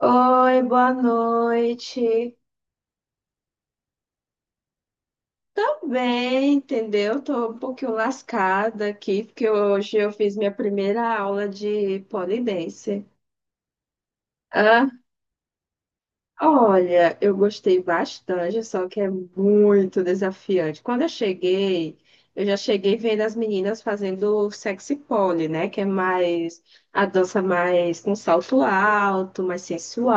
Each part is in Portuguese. Oi, boa noite. Também, entendeu? Tô um pouquinho lascada aqui, porque hoje eu fiz minha primeira aula de pole dance. Olha, eu gostei bastante, só que é muito desafiante. Quando eu cheguei, eu já cheguei vendo as meninas fazendo sexy pole, né? Que é mais a dança mais com salto alto, mais sensual.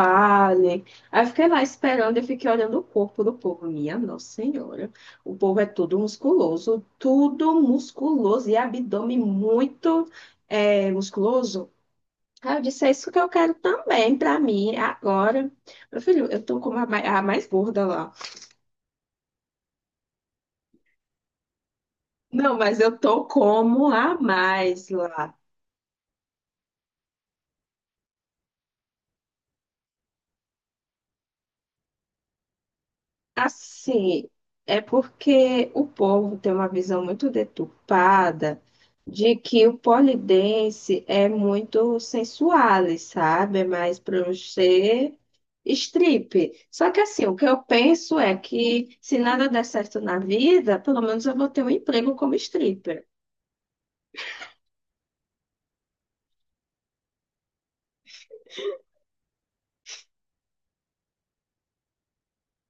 Aí eu fiquei lá esperando e fiquei olhando o corpo do povo. Minha Nossa Senhora, o povo é tudo musculoso e abdômen muito musculoso. Aí eu disse, é isso que eu quero também pra mim, agora. Meu filho, eu tô como a mais gorda lá. Não, mas eu tô como a mais lá. Assim, é porque o povo tem uma visão muito deturpada de que o polidense é muito sensual, e sabe? É mais crochê, strip. Só que assim, o que eu penso é que se nada der certo na vida, pelo menos eu vou ter um emprego como stripper.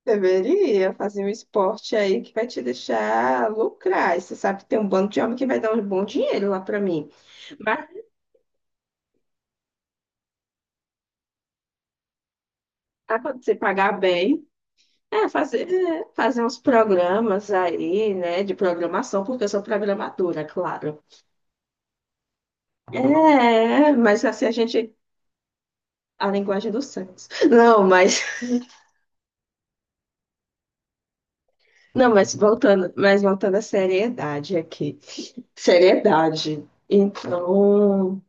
Deveria fazer um esporte aí que vai te deixar lucrar. E você sabe que tem um bando de homem que vai dar um bom dinheiro lá para mim. Mas ah, quando você pagar bem, é, fazer uns programas aí, né, de programação, porque eu sou programadora, claro. É, mas assim a gente. A linguagem dos santos. Não, mas. Não, mas voltando à seriedade aqui. Seriedade. Então.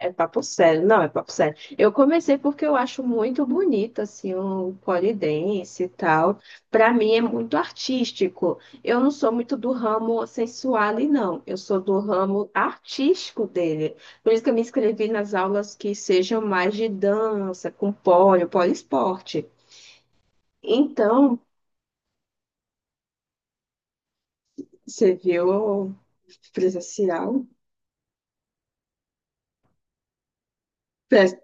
É papo sério, não, é papo sério. Eu comecei porque eu acho muito bonito, assim, o pole dance e tal. Para mim é muito artístico. Eu não sou muito do ramo sensual, não. Eu sou do ramo artístico dele. Por isso que eu me inscrevi nas aulas que sejam mais de dança, com pole, poliesporte. Então, você viu o presencial? Pres-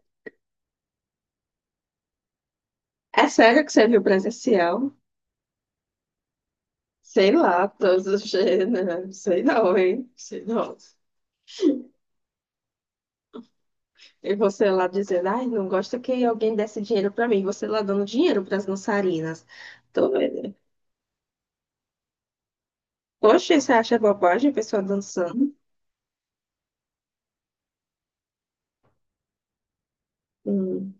É sério que você viu o presencial? Sei lá, todos os gêneros. Sei não, hein? Sei não. E você lá dizendo, ai, não gosta que alguém desse dinheiro pra mim. Você lá dando dinheiro pras dançarinas. Tô... Poxa, você acha bobagem a pessoa dançando? Hum.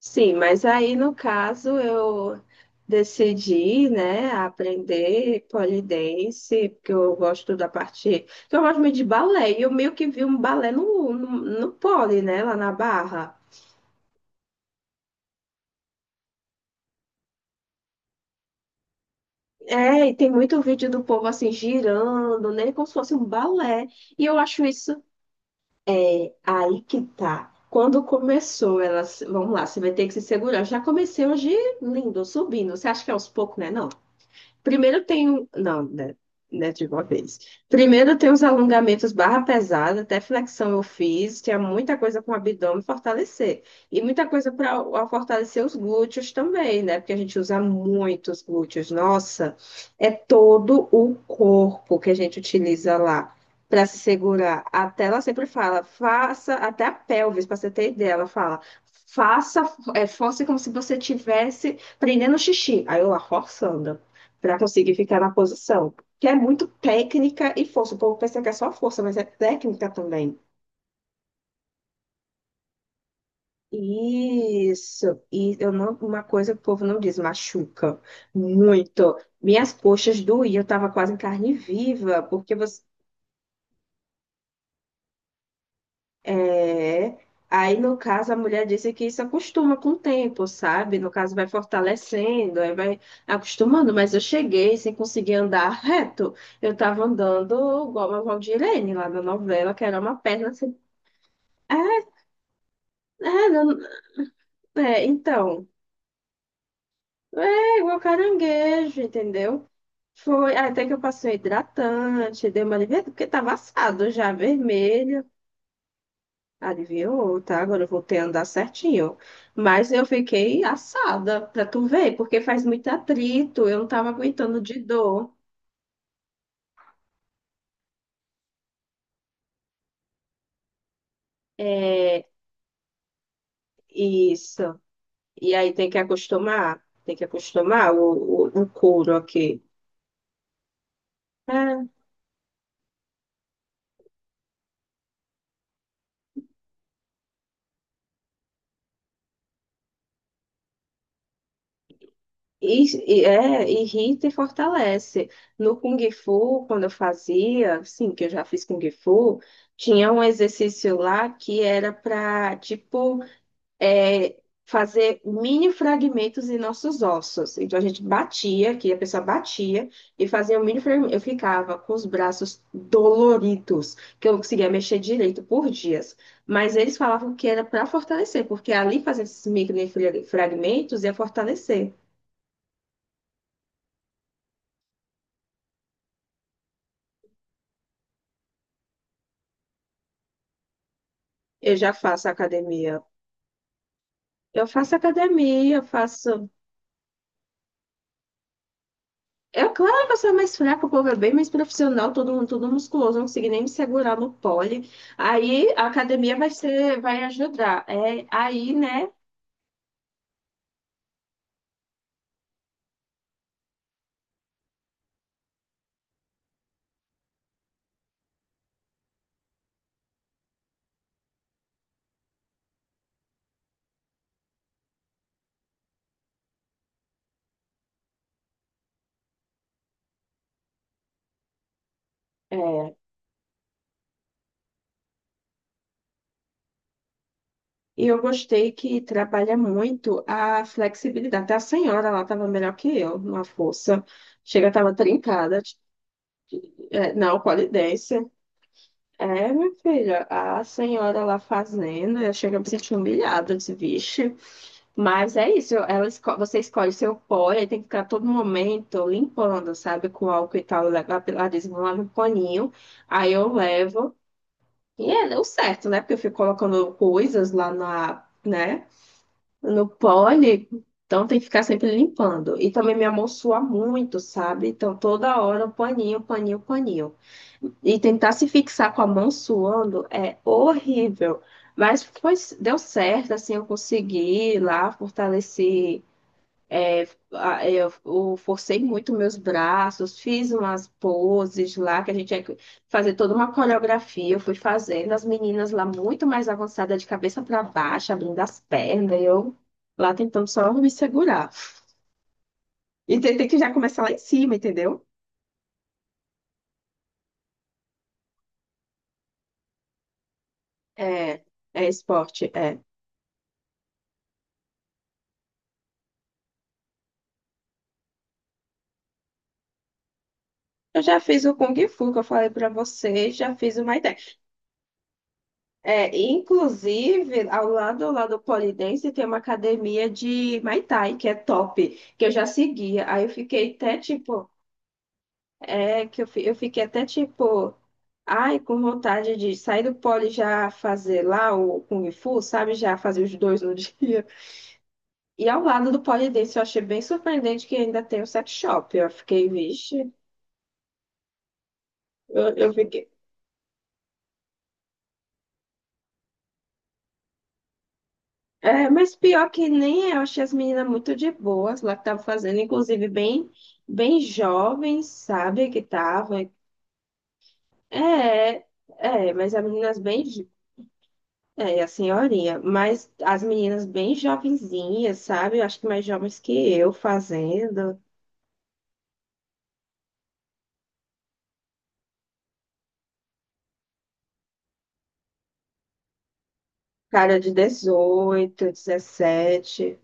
Sim, mas aí no caso eu decidi, né, aprender pole dance porque eu gosto da parte. Porque Eu gosto muito de balé, e eu meio que vi um balé no pole, né, lá na Barra. É, e tem muito vídeo do povo assim girando, né? Como se fosse um balé. E eu acho isso. É, aí que tá. Quando começou, elas. Vamos lá, você vai ter que se segurar. Já comecei hoje lindo, subindo. Você acha que é aos poucos, né? Não. Primeiro tem. Um, Não, né, de uma vez. Primeiro tem os alongamentos barra pesada, até flexão eu fiz, tinha muita coisa com o abdômen fortalecer. E muita coisa para fortalecer os glúteos também, né? Porque a gente usa muito os glúteos. Nossa, é todo o corpo que a gente utiliza lá para se segurar. Até ela sempre fala, faça, até a pelvis, para você ter ideia, ela fala, faça, force como se você tivesse prendendo xixi. Aí eu lá, forçando para conseguir ficar na posição. Que é muito técnica e força. O povo pensa que é só força, mas é técnica também. Isso. E eu não, uma coisa que o povo não diz, machuca muito. Minhas coxas doíam, eu estava quase em carne viva, porque É, aí no caso a mulher disse que isso acostuma com o tempo, sabe? No caso vai fortalecendo, aí vai acostumando, mas eu cheguei sem conseguir andar reto. Eu tava andando igual a Valdirene lá na novela, que era uma perna assim. É, é, não- é, então, é igual caranguejo, entendeu? Foi até que eu passei um hidratante, dei uma aliviada, porque tava assado já, vermelho. Adivinhou, tá? Agora eu voltei a andar certinho. Mas eu fiquei assada, pra tu ver, porque faz muito atrito, eu não tava aguentando de dor. É, isso. E aí tem que acostumar o couro aqui. É, e, é, irrita e fortalece. No Kung Fu, quando eu fazia, sim, que eu já fiz Kung Fu, tinha um exercício lá que era pra, tipo, é, fazer mini fragmentos em nossos ossos. Então a gente batia, que a pessoa batia e fazia um mini fragmento. Eu ficava com os braços doloridos, que eu não conseguia mexer direito por dias. Mas eles falavam que era para fortalecer, porque ali fazendo esses micro fragmentos ia fortalecer. Eu já faço academia. Eu faço academia, eu faço. É claro, uma pessoa mais fraca, o povo é bem mais profissional, todo mundo, todo musculoso, não consegui nem me segurar no pole. Aí a academia vai ser, vai ajudar. É, aí, né? é, e eu gostei que trabalha muito a flexibilidade. Até a senhora lá estava melhor que eu, numa força. Chega, estava trincada. Tipo, É, não, pole dance. É, minha filha, a senhora lá fazendo, eu chego a me sentir humilhada, eu disse, vixe. Mas é isso, você escolhe seu pó e aí tem que ficar a todo momento limpando, sabe? Com álcool e tal. Eu levo a Pilates, não lava um paninho, aí eu levo. E é o certo, né? Porque eu fico colocando coisas lá na, né? No pole, então tem que ficar sempre limpando. E também minha mão sua muito, sabe? Então toda hora o paninho, paninho, paninho. E tentar se fixar com a mão suando é horrível. Mas foi, deu certo, assim, eu consegui ir lá fortalecer Eu forcei muito meus braços, fiz umas poses lá, que a gente tinha que fazer toda uma coreografia. Eu fui fazendo, as meninas lá muito mais avançadas, de cabeça para baixo, abrindo as pernas, e eu lá tentando só me segurar. E tem que já começar lá em cima, entendeu? É, é esporte, é. Eu já fiz o Kung Fu, que eu falei para vocês, já fiz uma ideia. É, inclusive, ao lado do Polidense tem uma academia de Muay Thai, que é top, que eu já seguia. Aí eu fiquei até tipo, eu fiquei até tipo, ai, com vontade de sair do Poli e já fazer lá o Kung Fu, sabe? Já fazer os dois no dia. E ao lado do Polidense eu achei bem surpreendente que ainda tem o sex shop. Eu fiquei, vixe, eu fiquei. É, mas pior que nem é, eu achei as meninas muito de boas lá que estavam fazendo, inclusive bem, bem jovens, sabe, que estavam. É, mas as meninas bem, é, a senhorinha, mas as meninas bem jovenzinhas, sabe? Eu acho que mais jovens que eu fazendo, cara de 18 17.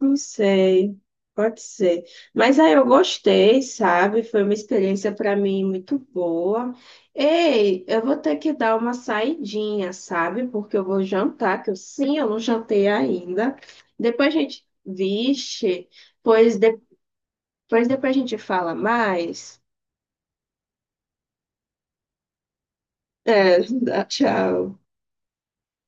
Não sei, pode ser. Mas aí eu gostei, sabe? Foi uma experiência para mim muito boa. Ei, eu vou ter que dar uma saidinha, sabe? Porque eu vou jantar, que eu sim, eu não jantei ainda. Depois a gente, vixe, pois depois a gente fala mais. É, tchau.